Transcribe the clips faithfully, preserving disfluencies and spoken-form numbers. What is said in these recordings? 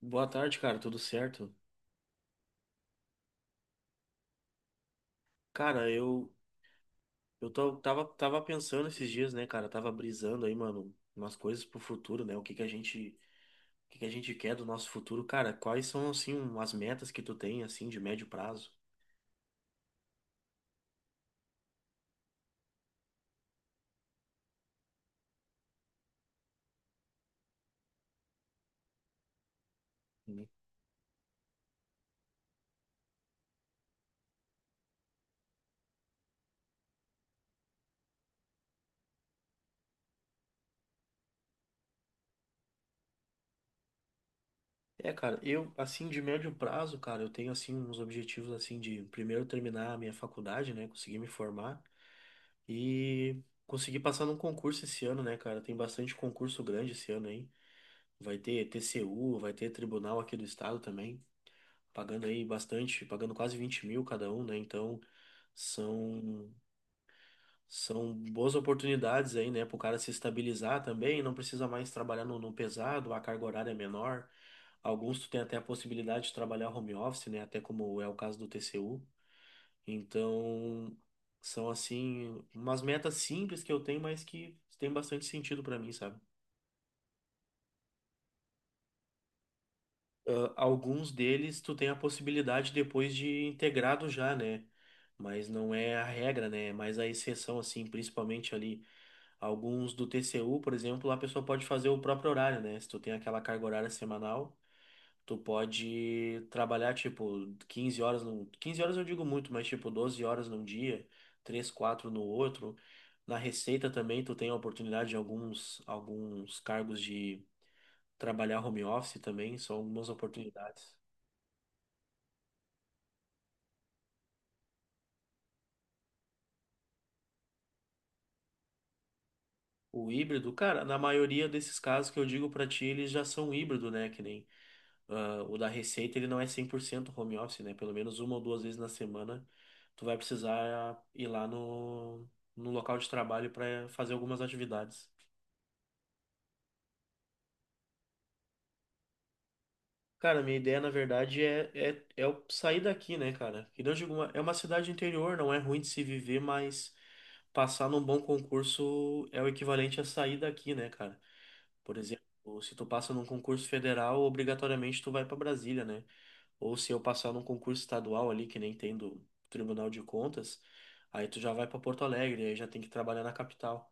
Boa tarde, cara, tudo certo? Cara, eu eu tô- tava tava pensando esses dias, né, cara, tava brisando aí, mano, umas coisas pro futuro, né? O que que a gente o que que a gente quer do nosso futuro, cara? Quais são assim as metas que tu tem assim de médio prazo? Né? É, cara, eu assim de médio prazo, cara, eu tenho assim uns objetivos assim de primeiro terminar a minha faculdade, né, conseguir me formar e conseguir passar num concurso esse ano, né, cara? Tem bastante concurso grande esse ano aí. Vai ter T C U, vai ter tribunal aqui do estado também, pagando aí bastante, pagando quase vinte mil cada um, né? Então são, são boas oportunidades aí, né, para o cara se estabilizar também, não precisa mais trabalhar no, no pesado, a carga horária é menor. Alguns tu tem até a possibilidade de trabalhar home office, né? Até como é o caso do T C U. Então são assim umas metas simples que eu tenho, mas que tem bastante sentido para mim, sabe? Ah, alguns deles tu tem a possibilidade depois de integrado já, né? Mas não é a regra, né? Mas a exceção, assim, principalmente ali, alguns do T C U, por exemplo, a pessoa pode fazer o próprio horário, né? Se tu tem aquela carga horária semanal, tu pode trabalhar, tipo, quinze horas num... quinze horas eu digo muito, mas tipo, doze horas num dia, três quatro no outro. Na Receita também tu tem a oportunidade de alguns, alguns cargos de trabalhar home office também, são algumas oportunidades. O híbrido, cara, na maioria desses casos que eu digo pra ti, eles já são híbrido, né? Que nem ah, o da Receita, ele não é cem por cento home office, né? Pelo menos uma ou duas vezes na semana, tu vai precisar ir lá no, no local de trabalho pra fazer algumas atividades. Cara, minha ideia, na verdade, é, é, é eu sair daqui, né, cara? Que não digo, uma- é uma cidade interior, não é ruim de se viver, mas passar num bom concurso é o equivalente a sair daqui, né, cara? Por exemplo, se tu passa num concurso federal, obrigatoriamente tu vai para Brasília, né? Ou se eu passar num concurso estadual ali, que nem tem do Tribunal de Contas, aí tu já vai para Porto Alegre, aí já tem que trabalhar na capital.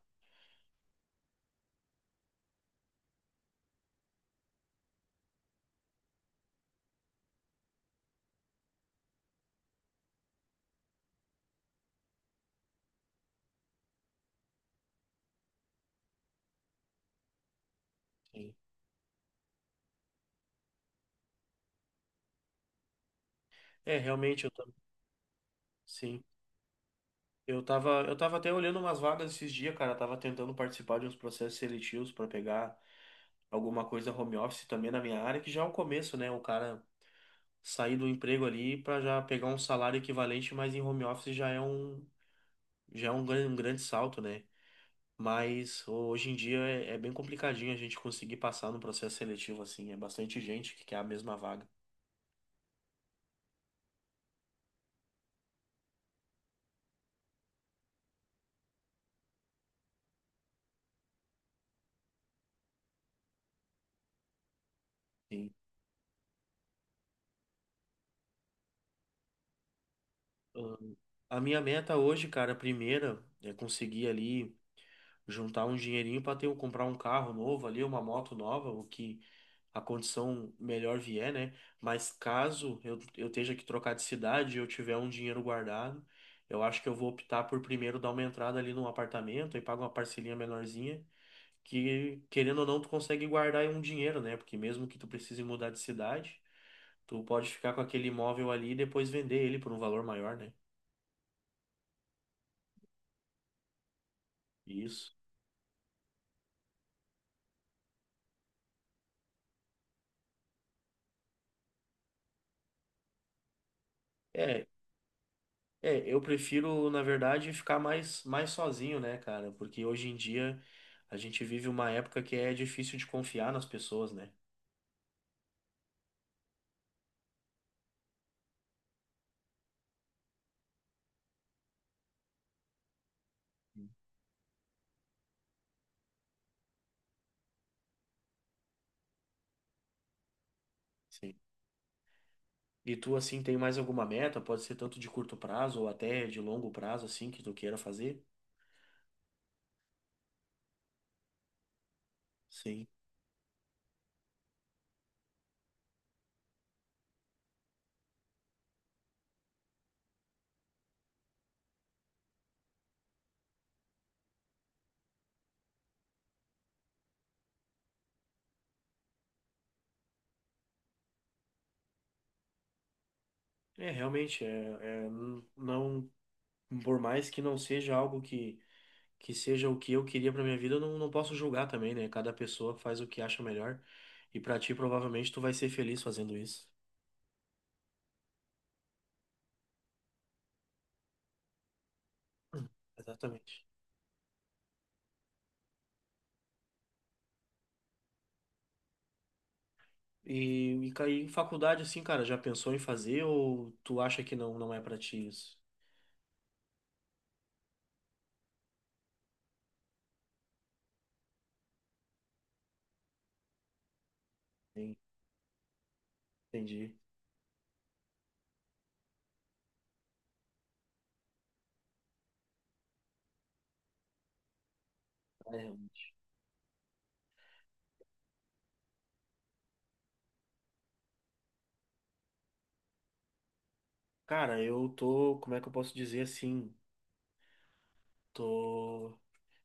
Sim. É, realmente, eu tam- sim. Eu tava, eu tava até olhando umas vagas esses dias, cara. Eu tava tentando participar de uns processos seletivos para pegar alguma coisa home office também na minha área, que já é o começo, né? O cara sair do emprego ali para já pegar um salário equivalente, mas em home office já é um, já é um gran- um grande salto, né? Mas hoje em dia é, é bem complicadinho a gente conseguir passar no processo seletivo, assim. É bastante gente que quer a mesma vaga. Sim. Ahn, a minha meta hoje, cara, a primeira é conseguir ali juntar um dinheirinho para ter um, comprar um carro novo ali, uma moto nova, o que a condição melhor vier, né? Mas caso eu, eu esteja que trocar de cidade e eu tiver um dinheiro guardado, eu acho que eu vou optar por primeiro dar uma entrada ali num apartamento e pagar uma parcelinha menorzinha que querendo ou não, tu consegue guardar aí um dinheiro, né? Porque mesmo que tu precise mudar de cidade, tu pode ficar com aquele imóvel ali e depois vender ele por um valor maior, né? Isso. É, é, eu prefiro, na verdade, ficar mais, mais sozinho, né, cara? Porque hoje em dia a gente vive uma época que é difícil de confiar nas pessoas, né? Sim. E tu, assim, tem mais alguma meta? Pode ser tanto de curto prazo ou até de longo prazo, assim, que tu queira fazer? Sim. É, realmente, é, é, não, por mais que não seja algo que, que seja o que eu queria pra minha vida, eu não, não posso julgar também, né? Cada pessoa faz o que acha melhor. E pra ti, provavelmente, tu vai ser feliz fazendo isso. Exatamente. E, e ca- e em faculdade, assim, cara, já pensou em fazer ou tu acha que não, não é pra ti isso? Sim. Entendi. É, realmente. Cara, eu tô, como é que eu posso dizer assim? Tô,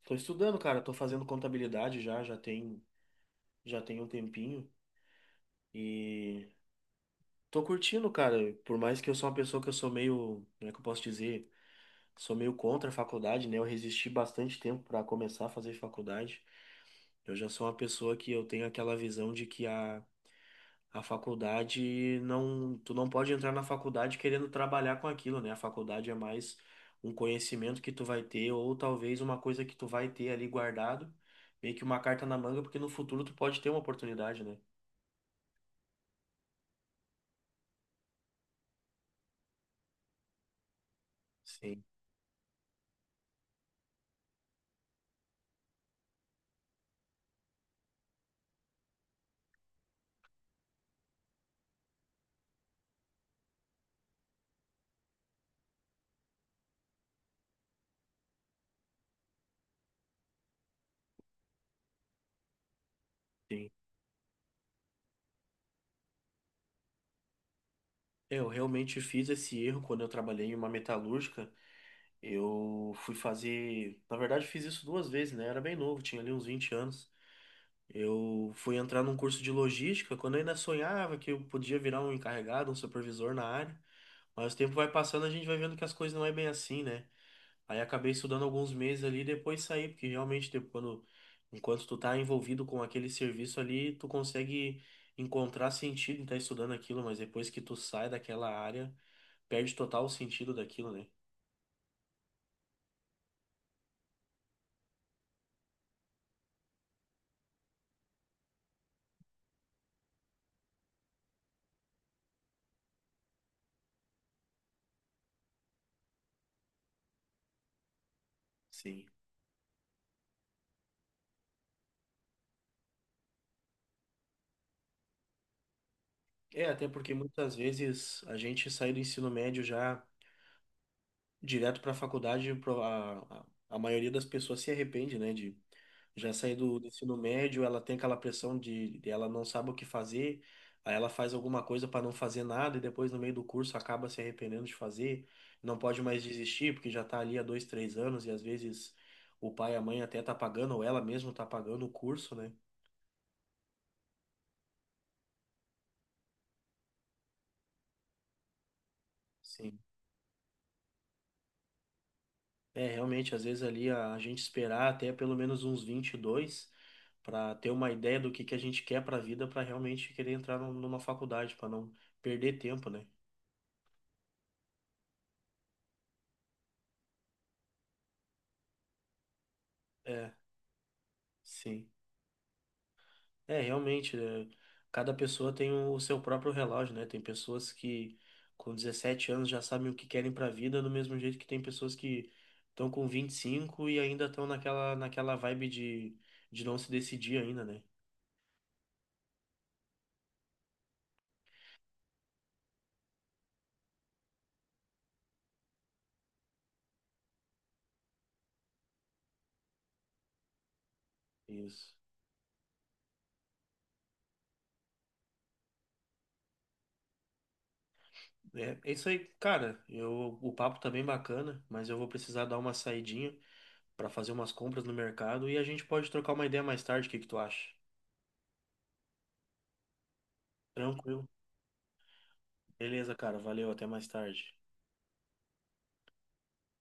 tô estudando, cara, tô fazendo contabilidade já, já tem, já tem um tempinho. E tô curtindo, cara. Por mais que eu sou uma pessoa que eu sou meio, como é que eu posso dizer? Sou meio contra a faculdade, né? Eu resisti bastante tempo para começar a fazer faculdade. Eu já sou uma pessoa que eu tenho aquela visão de que a, a faculdade não, tu não pode entrar na faculdade querendo trabalhar com aquilo, né? A faculdade é mais um conhecimento que tu vai ter ou talvez uma coisa que tu vai ter ali guardado, meio que uma carta na manga, porque no futuro tu pode ter uma oportunidade, né? Sim. Sim. Eu realmente fiz esse erro quando eu trabalhei em uma metalúrgica. Eu fui fazer. Na verdade, fiz isso duas vezes, né? Era bem novo, tinha ali uns vinte anos. Eu fui entrar num curso de logística quando eu ainda sonhava que eu podia virar um encarregado, um supervisor na área. Mas o tempo vai passando, a gente vai vendo que as coisas não é bem assim, né? Aí acabei estudando alguns meses ali e depois saí, porque realmente, de- quando, enquanto tu tá envolvido com aquele serviço ali, tu consegue encontrar sentido em estar estudando aquilo, mas depois que tu sai daquela área, perde total o sentido daquilo, né? Sim. É, até porque muitas vezes a gente sai do ensino médio já direto para a faculdade, pro- a, a a maioria das pessoas se arrepende, né, de já sair do, do ensino médio, ela tem aquela pressão de, de ela não sabe o que fazer, aí ela faz alguma coisa para não fazer nada e depois no meio do curso acaba se arrependendo de fazer, não pode mais desistir porque já tá ali há dois, três anos e às vezes o pai e a mãe até tá pagando ou ela mesma tá pagando o curso, né? Sim. É, realmente, às vezes ali a, a gente esperar até pelo menos uns vinte e dois para ter uma ideia do que, que a gente quer para a vida, para realmente querer entrar num- numa faculdade, para não perder tempo, né? É, sim. É, realmente, é, cada pessoa tem o seu próprio relógio, né? Tem pessoas que com dezessete anos já sabem o que querem para a vida, do mesmo jeito que tem pessoas que estão com vinte e cinco e ainda estão naquela, naquela vibe de, de não se decidir ainda, né? Isso. É, é isso aí, cara. Eu, o papo tá bem bacana, mas eu vou precisar dar uma saidinha pra fazer umas compras no mercado e a gente pode trocar uma ideia mais tarde, o que que tu acha? Tranquilo. Beleza, cara. Valeu, até mais tarde.